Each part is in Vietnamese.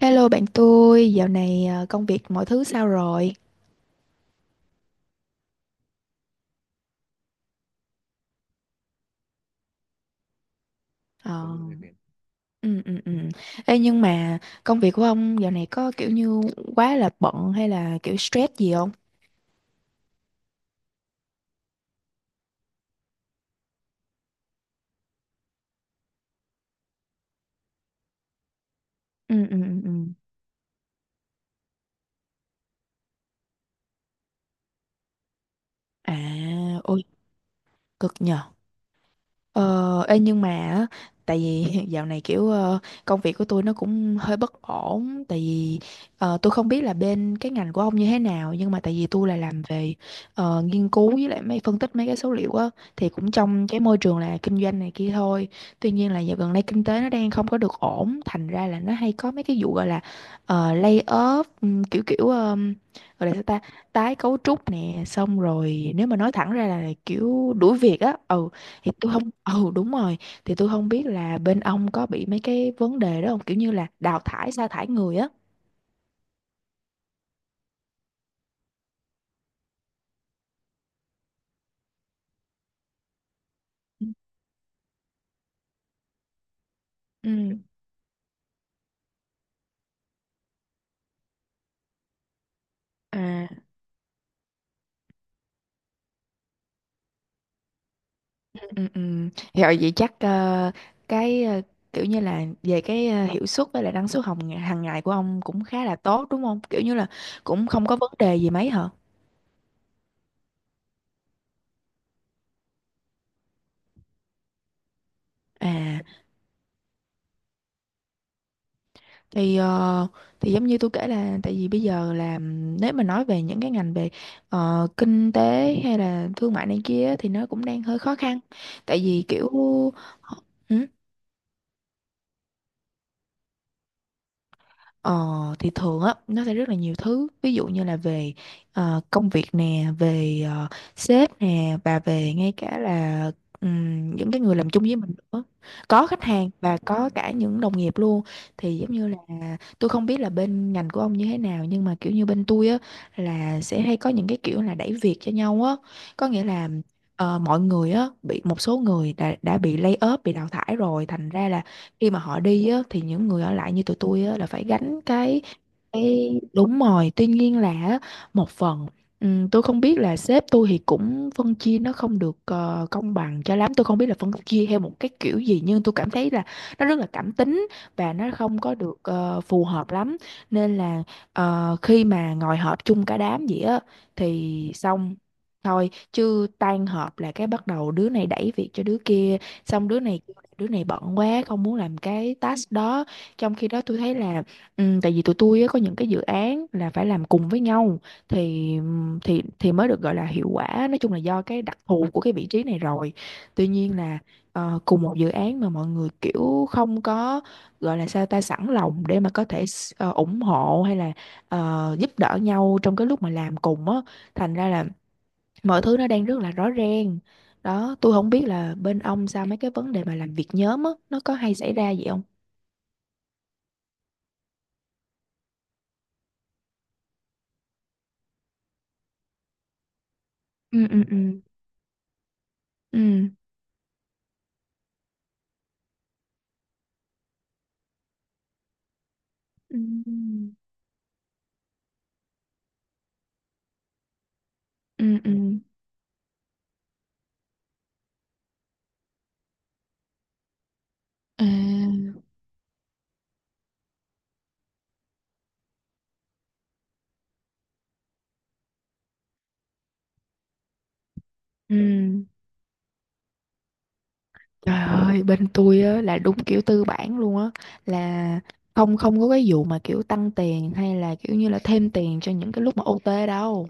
Hello bạn tôi, dạo này công việc mọi thứ sao rồi? Ờ, ừ, ừ, ừ. Ê, nhưng mà công việc của ông dạo này có kiểu như quá là bận hay là kiểu stress gì không? Ừ, ừ, ừ, ừ. À, ôi, cực nhờ. Ờ, ê nhưng mà á, tại vì dạo này kiểu công việc của tôi nó cũng hơi bất ổn, tại vì tôi không biết là bên cái ngành của ông như thế nào, nhưng mà tại vì tôi là làm về nghiên cứu với lại mấy phân tích mấy cái số liệu á, thì cũng trong cái môi trường là kinh doanh này kia thôi. Tuy nhiên là dạo gần đây kinh tế nó đang không có được ổn, thành ra là nó hay có mấy cái vụ gọi là lay off, kiểu kiểu gọi là sao ta, tái cấu trúc nè, xong rồi nếu mà nói thẳng ra là kiểu đuổi việc á. Ừ, thì tôi không, ừ, đúng rồi, thì tôi không biết là bên ông có bị mấy cái vấn đề đó không, kiểu như là đào thải sa thải người á. Ừ. Ừ. À, ừ, ừ, ừ. Rồi vậy chắc cái kiểu như là về cái hiệu suất với lại năng suất hồng hàng ngày của ông cũng khá là tốt đúng không, kiểu như là cũng không có vấn đề gì mấy hả? À thì thì giống như tôi kể, là tại vì bây giờ là nếu mà nói về những cái ngành về kinh tế hay là thương mại này kia thì nó cũng đang hơi khó khăn, tại vì kiểu ừ, ờ, thì thường á nó sẽ rất là nhiều thứ, ví dụ như là về công việc nè, về sếp nè, và về ngay cả là những cái người làm chung với mình nữa, có khách hàng và có cả những đồng nghiệp luôn. Thì giống như là tôi không biết là bên ngành của ông như thế nào, nhưng mà kiểu như bên tôi á là sẽ hay có những cái kiểu là đẩy việc cho nhau á, có nghĩa là mọi người á bị một số người đã bị lay off, bị đào thải rồi, thành ra là khi mà họ đi á, thì những người ở lại như tụi tôi á, là phải gánh cái, đúng rồi. Tuy nhiên là á, một phần tôi không biết là sếp tôi thì cũng phân chia nó không được công bằng cho lắm, tôi không biết là phân chia theo một cái kiểu gì, nhưng tôi cảm thấy là nó rất là cảm tính và nó không có được phù hợp lắm, nên là khi mà ngồi họp chung cả đám vậy á thì xong thôi, chứ tan họp là cái bắt đầu đứa này đẩy việc cho đứa kia, xong đứa này kêu là đứa này bận quá không muốn làm cái task đó, trong khi đó tôi thấy là ừ, tại vì tụi tôi á, có những cái dự án là phải làm cùng với nhau thì thì mới được gọi là hiệu quả, nói chung là do cái đặc thù của cái vị trí này rồi. Tuy nhiên là cùng một dự án mà mọi người kiểu không có, gọi là sao ta, sẵn lòng để mà có thể ủng hộ hay là giúp đỡ nhau trong cái lúc mà làm cùng á, thành ra là mọi thứ nó đang rất là rõ ràng. Đó, tôi không biết là bên ông sao mấy cái vấn đề mà làm việc nhóm á nó có hay xảy ra vậy không? Ừ, ừ, ừ, ừ, ừ, ừ, ừ. À, ừ. Trời ơi, bên tôi á, là đúng kiểu tư bản luôn á, là không không có cái vụ mà kiểu tăng tiền hay là kiểu như là thêm tiền cho những cái lúc mà ô tê đâu,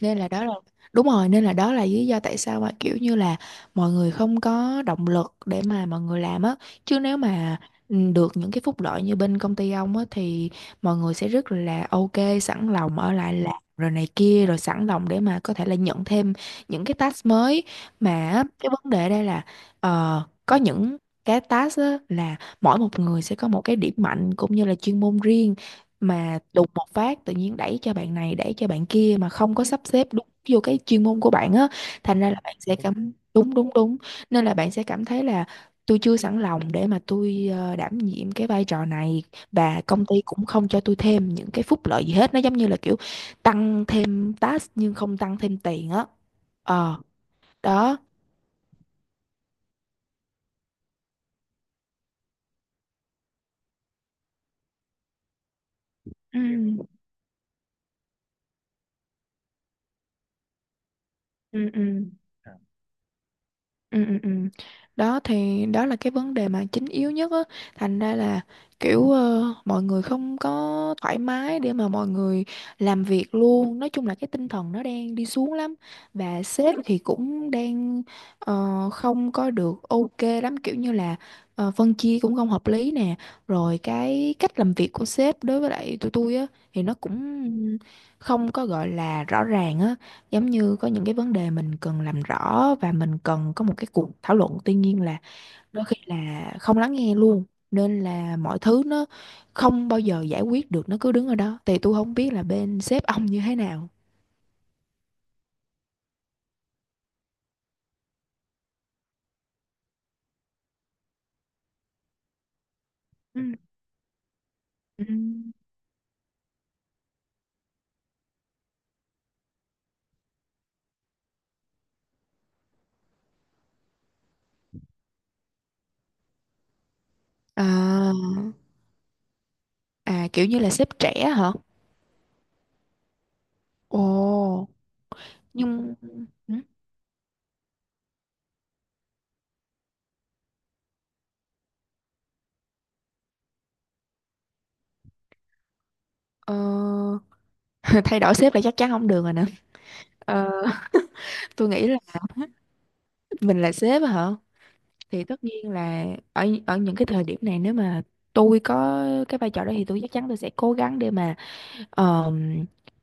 nên là đó là đúng rồi, nên là đó là lý do tại sao mà kiểu như là mọi người không có động lực để mà mọi người làm á, chứ nếu mà được những cái phúc lợi như bên công ty ông á thì mọi người sẽ rất là ok, sẵn lòng ở lại làm rồi này kia, rồi sẵn lòng để mà có thể là nhận thêm những cái task mới, mà á, cái vấn đề đây là có những cái task á, là mỗi một người sẽ có một cái điểm mạnh cũng như là chuyên môn riêng, mà đùng một phát tự nhiên đẩy cho bạn này đẩy cho bạn kia mà không có sắp xếp đúng vô cái chuyên môn của bạn á, thành ra là bạn sẽ cảm, đúng đúng đúng, nên là bạn sẽ cảm thấy là tôi chưa sẵn lòng để mà tôi đảm nhiệm cái vai trò này, và công ty cũng không cho tôi thêm những cái phúc lợi gì hết, nó giống như là kiểu tăng thêm task nhưng không tăng thêm tiền á. Ờ, đó. Ừ, ừ, ừ. Ừ, ừ, ừ. Đó thì đó là cái vấn đề mà chính yếu nhất á, thành ra là kiểu mọi người không có thoải mái để mà mọi người làm việc luôn, nói chung là cái tinh thần nó đang đi xuống lắm, và sếp thì cũng đang không có được ok lắm, kiểu như là phân chia cũng không hợp lý nè, rồi cái cách làm việc của sếp đối với lại tụi tôi á thì nó cũng không có gọi là rõ ràng á, giống như có những cái vấn đề mình cần làm rõ và mình cần có một cái cuộc thảo luận, tuy nhiên là đôi khi là không lắng nghe luôn, nên là mọi thứ nó không bao giờ giải quyết được, nó cứ đứng ở đó. Thì tôi không biết là bên sếp ông như thế nào? Ừ. Ừ. À, à kiểu như là sếp trẻ hả? Ồ. Nhưng, ừ, ờ, thay đổi sếp là chắc chắn không được rồi nè. Ờ, tôi nghĩ là mình là sếp hả? Thì tất nhiên là ở ở những cái thời điểm này, nếu mà tôi có cái vai trò đó thì tôi chắc chắn tôi sẽ cố gắng để mà, Ờ,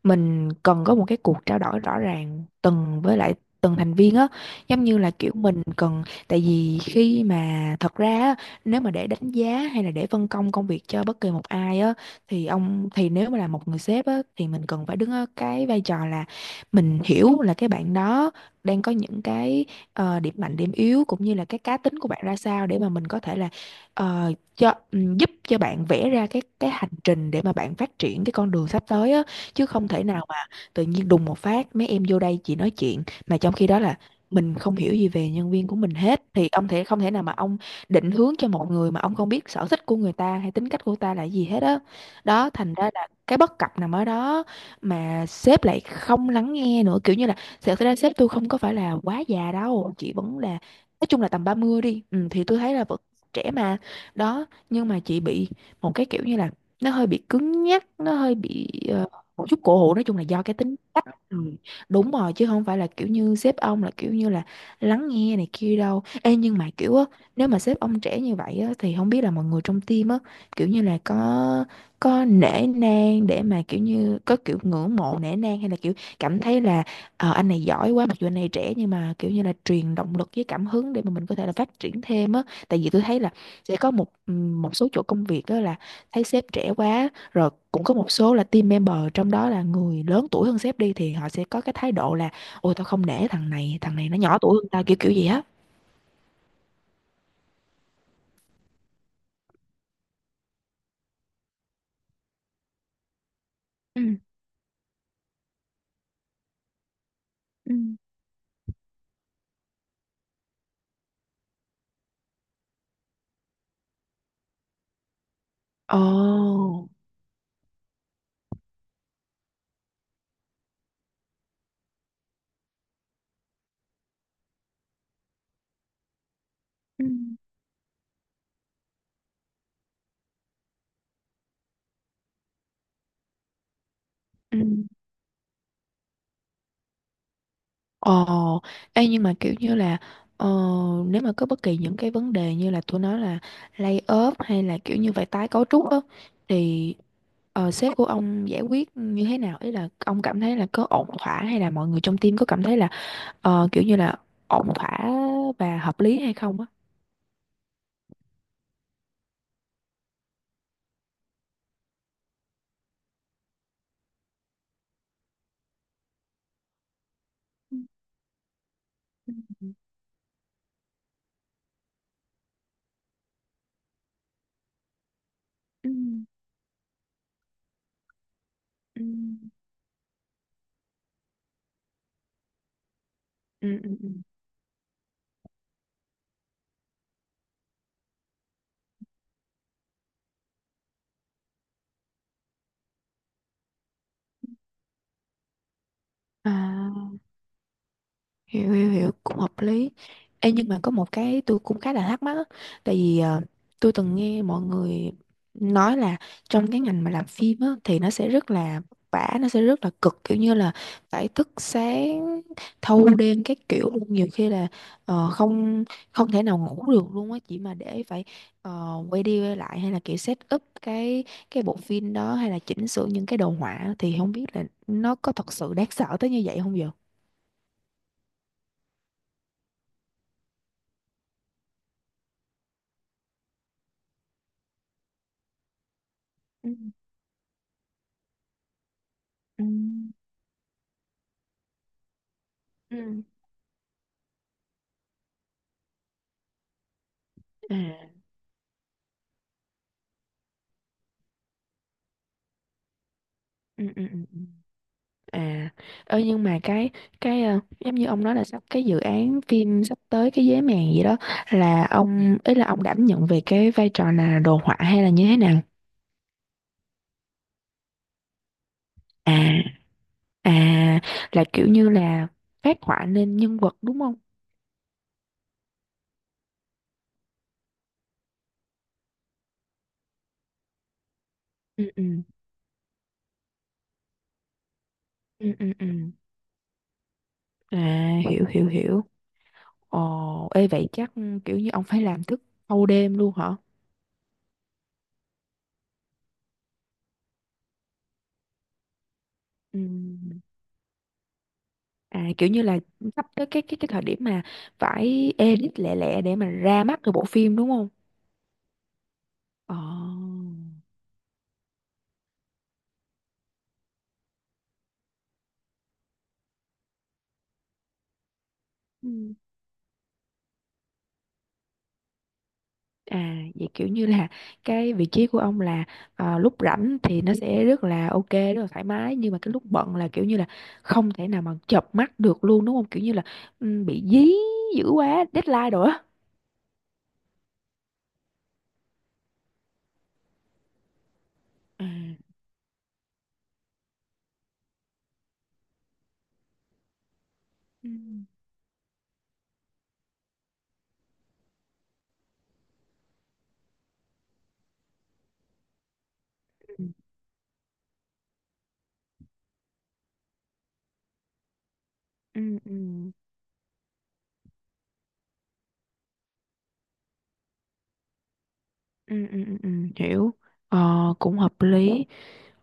mình cần có một cái cuộc trao đổi rõ ràng từng với lại từng thành viên á, giống như là kiểu mình cần, tại vì khi mà thật ra á, nếu mà để đánh giá hay là để phân công công việc cho bất kỳ một ai á thì ông thì nếu mà là một người sếp á thì mình cần phải đứng ở cái vai trò là mình hiểu là cái bạn đó đang có những cái điểm mạnh điểm yếu cũng như là cái cá tính của bạn ra sao, để mà mình có thể là ờ, cho giúp cho bạn vẽ ra cái hành trình để mà bạn phát triển cái con đường sắp tới á, chứ không thể nào mà tự nhiên đùng một phát mấy em vô đây chỉ nói chuyện, mà trong khi đó là mình không hiểu gì về nhân viên của mình hết thì ông không thể nào mà ông định hướng cho một người mà ông không biết sở thích của người ta hay tính cách của ta là gì hết á đó. Đó, thành ra là cái bất cập nằm ở đó, mà sếp lại không lắng nghe nữa, kiểu như là thật ra sếp tôi không có phải là quá già đâu, chị vẫn là, nói chung là tầm 30 đi, ừ, thì tôi thấy là vẫn trẻ mà. Đó, nhưng mà chị bị một cái kiểu như là nó hơi bị cứng nhắc, nó hơi bị một chút cổ hủ, nói chung là do cái tính cách. Ừ, đúng rồi, chứ không phải là kiểu như sếp ông là kiểu như là lắng nghe này kia đâu. Ê, nhưng mà kiểu á, nếu mà sếp ông trẻ như vậy á thì không biết là mọi người trong team á, kiểu như là có nể nang để mà kiểu như có kiểu ngưỡng mộ nể nang hay là kiểu cảm thấy là anh này giỏi quá, mặc dù anh này trẻ nhưng mà kiểu như là truyền động lực với cảm hứng để mà mình có thể là phát triển thêm á, tại vì tôi thấy là sẽ có một một số chỗ công việc đó là thấy sếp trẻ quá rồi, cũng có một số là team member trong đó là người lớn tuổi hơn sếp đi thì họ sẽ có cái thái độ là ôi tao không nể thằng này, thằng này nó nhỏ tuổi hơn tao kiểu kiểu gì á. Ừ, ừ. Ồ, ừ, ừ. Ồ, ê, nhưng mà kiểu như là ờ, nếu mà có bất kỳ những cái vấn đề như là tôi nói là lay off hay là kiểu như vậy, tái cấu trúc á, thì sếp của ông giải quyết như thế nào, ý là ông cảm thấy là có ổn thỏa hay là mọi người trong team có cảm thấy là kiểu như là ổn thỏa và hợp lý hay không á? Ừ, ừ, ừ, ừ. Ừ, ừ, ừ, ừ. À, hiểu hiểu hiểu, cũng hợp lý. Ê, nhưng mà có một cái tôi cũng khá là thắc mắc á. Tại vì tôi từng nghe mọi người nói là trong cái ngành mà làm phim á, thì nó sẽ rất là vả, nó sẽ rất là cực, kiểu như là phải thức sáng thâu đêm các kiểu luôn, nhiều khi là không không thể nào ngủ được luôn á, chỉ mà để phải quay đi quay lại hay là kiểu set up cái bộ phim đó, hay là chỉnh sửa những cái đồ họa, thì không biết là nó có thật sự đáng sợ tới như vậy không vậy? Ừ. Ừ. Ừ. À, ừ, ừ, ừ, ừ. À, ơ nhưng mà giống như ông nói là sắp cái dự án phim sắp tới cái giấy mèn gì đó là ông, ý là ông đảm nhận về cái vai trò là đồ họa hay là như thế nào? À, à là kiểu như là phát họa lên nhân vật đúng không? Ừ, ừ, ừ, ừ, ừ. À, hiểu hiểu hiểu. Ồ, ê vậy chắc kiểu như ông phải làm thức thâu đêm luôn hả? Ừ. À, kiểu như là sắp tới cái cái thời điểm mà phải edit lẹ lẹ để mà ra mắt cái bộ phim đúng không? Ờ. Ừ. À vậy kiểu như là cái vị trí của ông là lúc rảnh thì nó sẽ rất là ok rất là thoải mái, nhưng mà cái lúc bận là kiểu như là không thể nào mà chợp mắt được luôn đúng không? Kiểu như là ừ, bị dí dữ quá deadline rồi á. À. Ừ. Ừ, ừ, ừ, ừ, ừ, ừ, ừ, hiểu ờ, cũng hợp lý.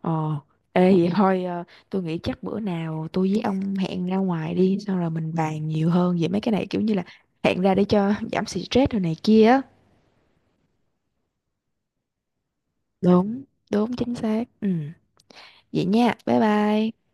Ờ, ê vậy thôi tôi nghĩ chắc bữa nào tôi với ông hẹn ra ngoài đi, xong rồi mình bàn nhiều hơn về mấy cái này, kiểu như là hẹn ra để cho giảm stress rồi này kia. Á. Đúng, đúng chính xác. Ừ. Vậy nha. Bye bye.